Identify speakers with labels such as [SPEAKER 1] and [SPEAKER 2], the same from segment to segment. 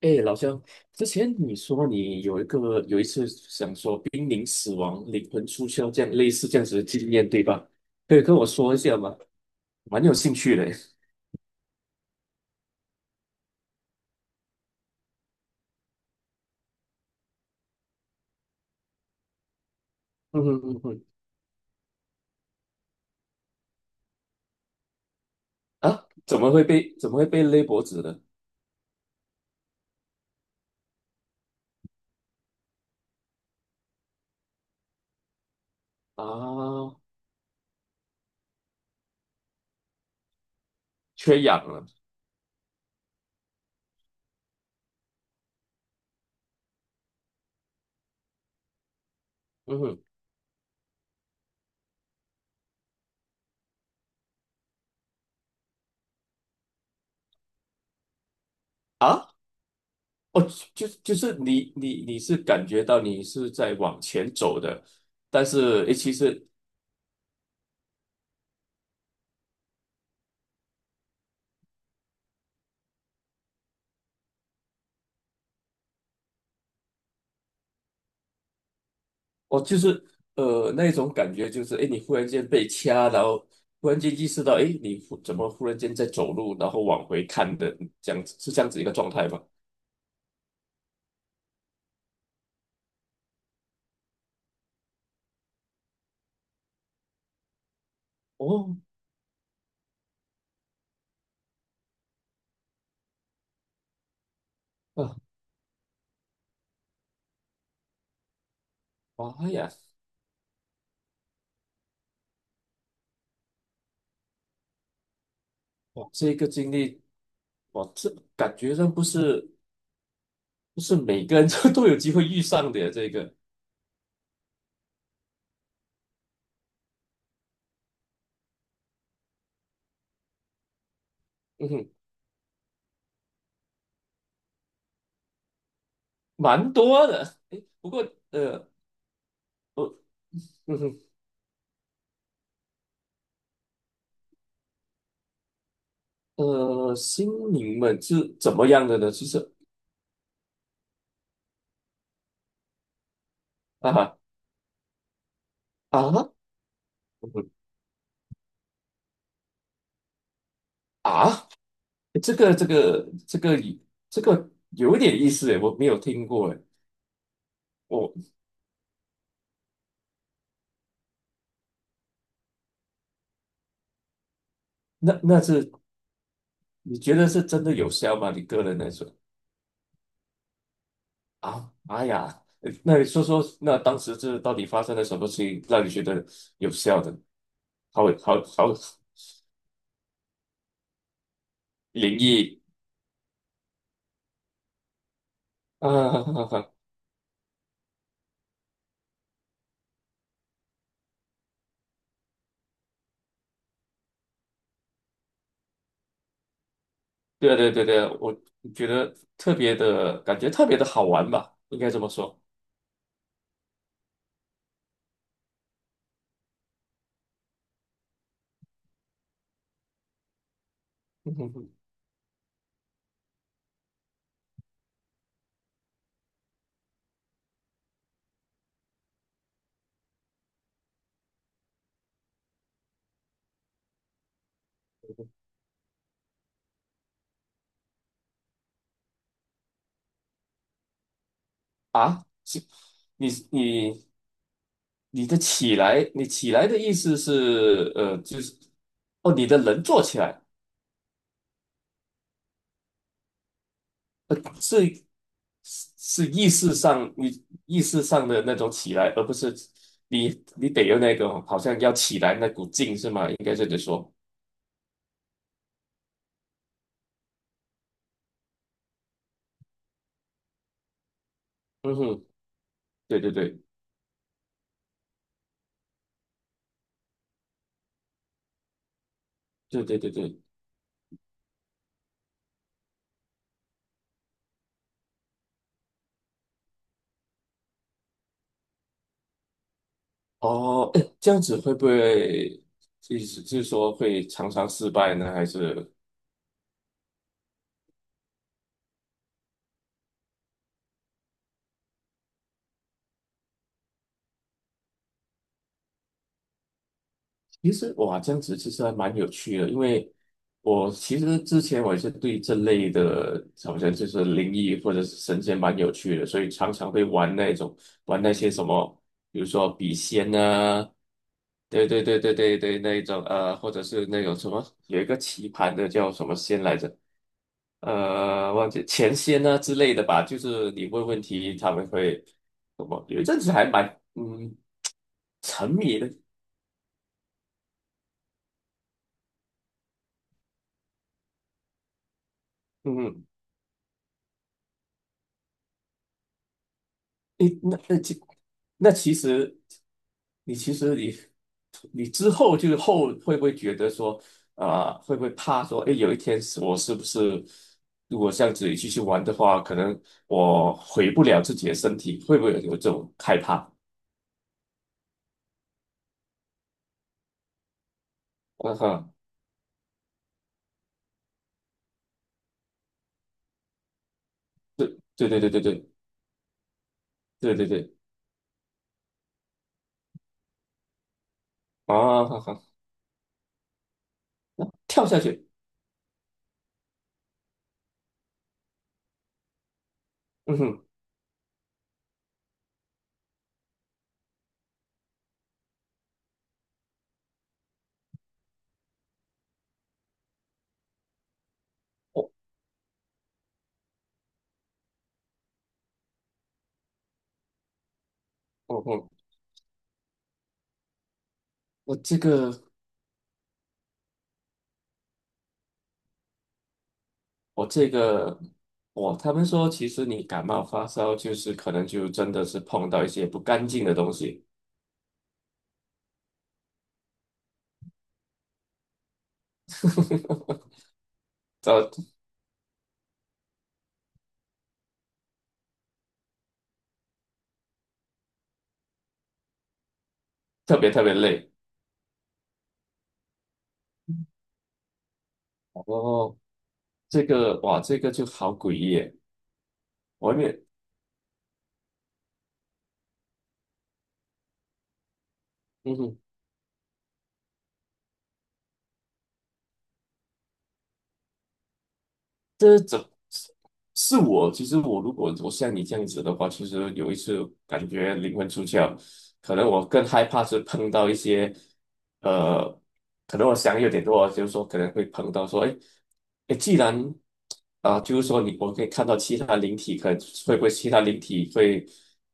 [SPEAKER 1] 哎，老乡，之前你说你有一个有一次想说濒临死亡、灵魂出窍这样类似这样子的经验，对吧？可以跟我说一下吗？蛮有兴趣的。嗯哼嗯哼，啊，怎么会被勒脖子呢？啊，缺氧了。嗯哼，啊，哦，就是你是感觉到你是在往前走的，但是诶，其实哦，就是那种感觉，就是哎，诶你忽然间被掐，然后忽然间意识到，哎，你怎么忽然间在走路，然后往回看的，这样子是这样子一个状态吗？哦，啊，妈呀，哇，这个经历，哇，这感觉上不是每个人都 都有机会遇上的呀，这个，嗯哼，蛮多的，哎，不过呃，我，嗯哼，心灵们是怎么样的呢？就是啊啊，嗯哼啊。这个这个这个这个有点意思诶，我没有听过诶。我那那是你觉得是真的有效吗？你个人来说啊，哎呀，那你说说，那当时这到底发生了什么事情，让你觉得有效的？好好好灵异啊！哈哈哈对啊对啊对啊对啊，我觉得特别的感觉特别的好玩吧，应该这么说。啊，是你你你的起来，你起来的意思是，就是哦，你的人坐起来，呃，是是意识上的那种起来，而不是你得有那种好像要起来那股劲是吗？应该这么说。嗯哼，对对对对对对对。哦，诶这样子会不会意思就是说会常常失败呢？还是？其实哇，这样子其实还蛮有趣的，因为我其实之前我也是对这类的，好像就是灵异或者是神仙蛮有趣的，所以常常会玩那种玩那些什么，比如说笔仙啊，对对对对对对，那一种或者是那种什么有一个棋盘的叫什么仙来着，忘记钱仙啊之类的吧，就是你问问题，他们会什么，有一阵子还蛮嗯沉迷的，嗯。诶，那其实你其实你你之后就是后会不会觉得说啊、会不会怕说诶，有一天是我是不是如果这样子继续玩的话，可能我回不了自己的身体，会不会有这种害怕？嗯哼，对对对对对对对对对啊，哈哈，跳下去，嗯哼，我、我嗯哼我这个我这个，我他们说，其实你感冒发烧，就是可能就真的是碰到一些不干净的东西，呃，特别特别累。然后这个，哇，这个就好诡异耶，我也没，嗯哼这怎是我？其实我如果我像你这样子的话，其实有一次感觉灵魂出窍，可能我更害怕是碰到一些，呃，可能我想有点多，就是说可能会碰到说，哎，哎，既然啊、就是说你我可以看到其他灵体，可会不会其他灵体会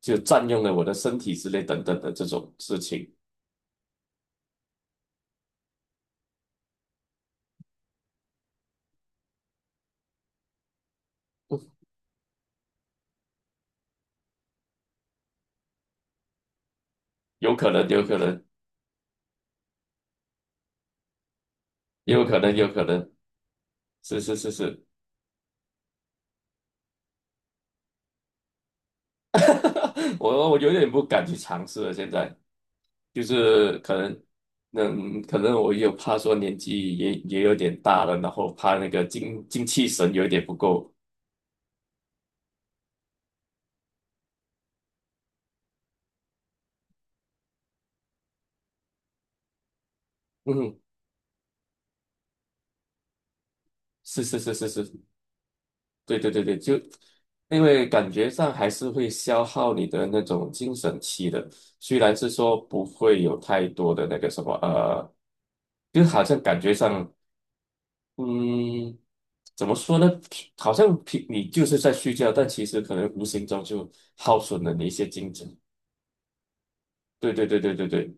[SPEAKER 1] 就占用了我的身体之类等等的这种事情，有可能，有可能，有可能，有可能，是是是是，我有点不敢去尝试了，现在。就是可能，嗯，可能我又怕说年纪也有点大了，然后怕那个精气神有点不够。嗯，是是是是是，对对对对，就因为感觉上还是会消耗你的那种精神气的，虽然是说不会有太多的那个什么，就好像感觉上，嗯，怎么说呢？好像平你就是在睡觉，但其实可能无形中就耗损了你一些精神。对对对对对对。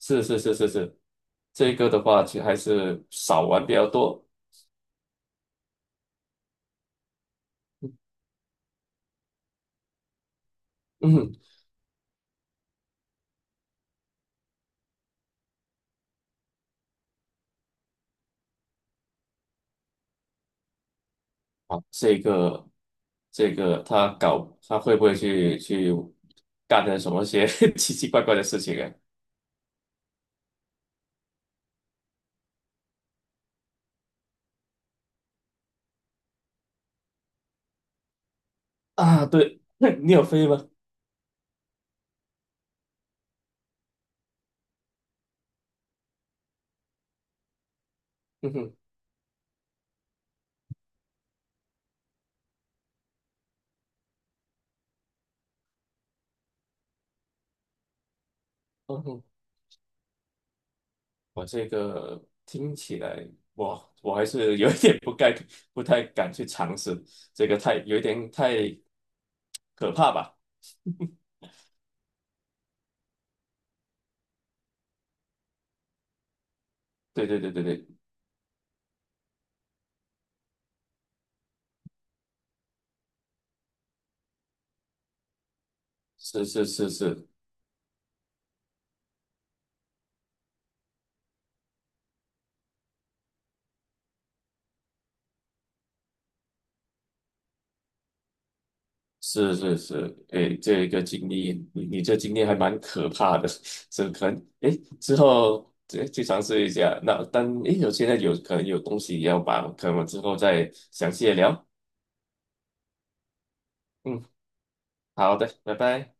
[SPEAKER 1] 是是是是是，这个的话其实还是少玩比较多。嗯，好，这个他搞他会不会去干点什么些 奇奇怪怪的事情啊？啊，对，你有飞吗？嗯哼，嗯哼，我这个听起来，我还是有一点不该不太敢去尝试，这个有一点太可怕吧？对对对对对，是是是是，是是是，诶，这一个经历，你这经历还蛮可怕的，是可能诶之后诶去尝试一下。那但诶有现在有可能有东西要把，可能我之后再详细的聊。嗯，好的，拜拜。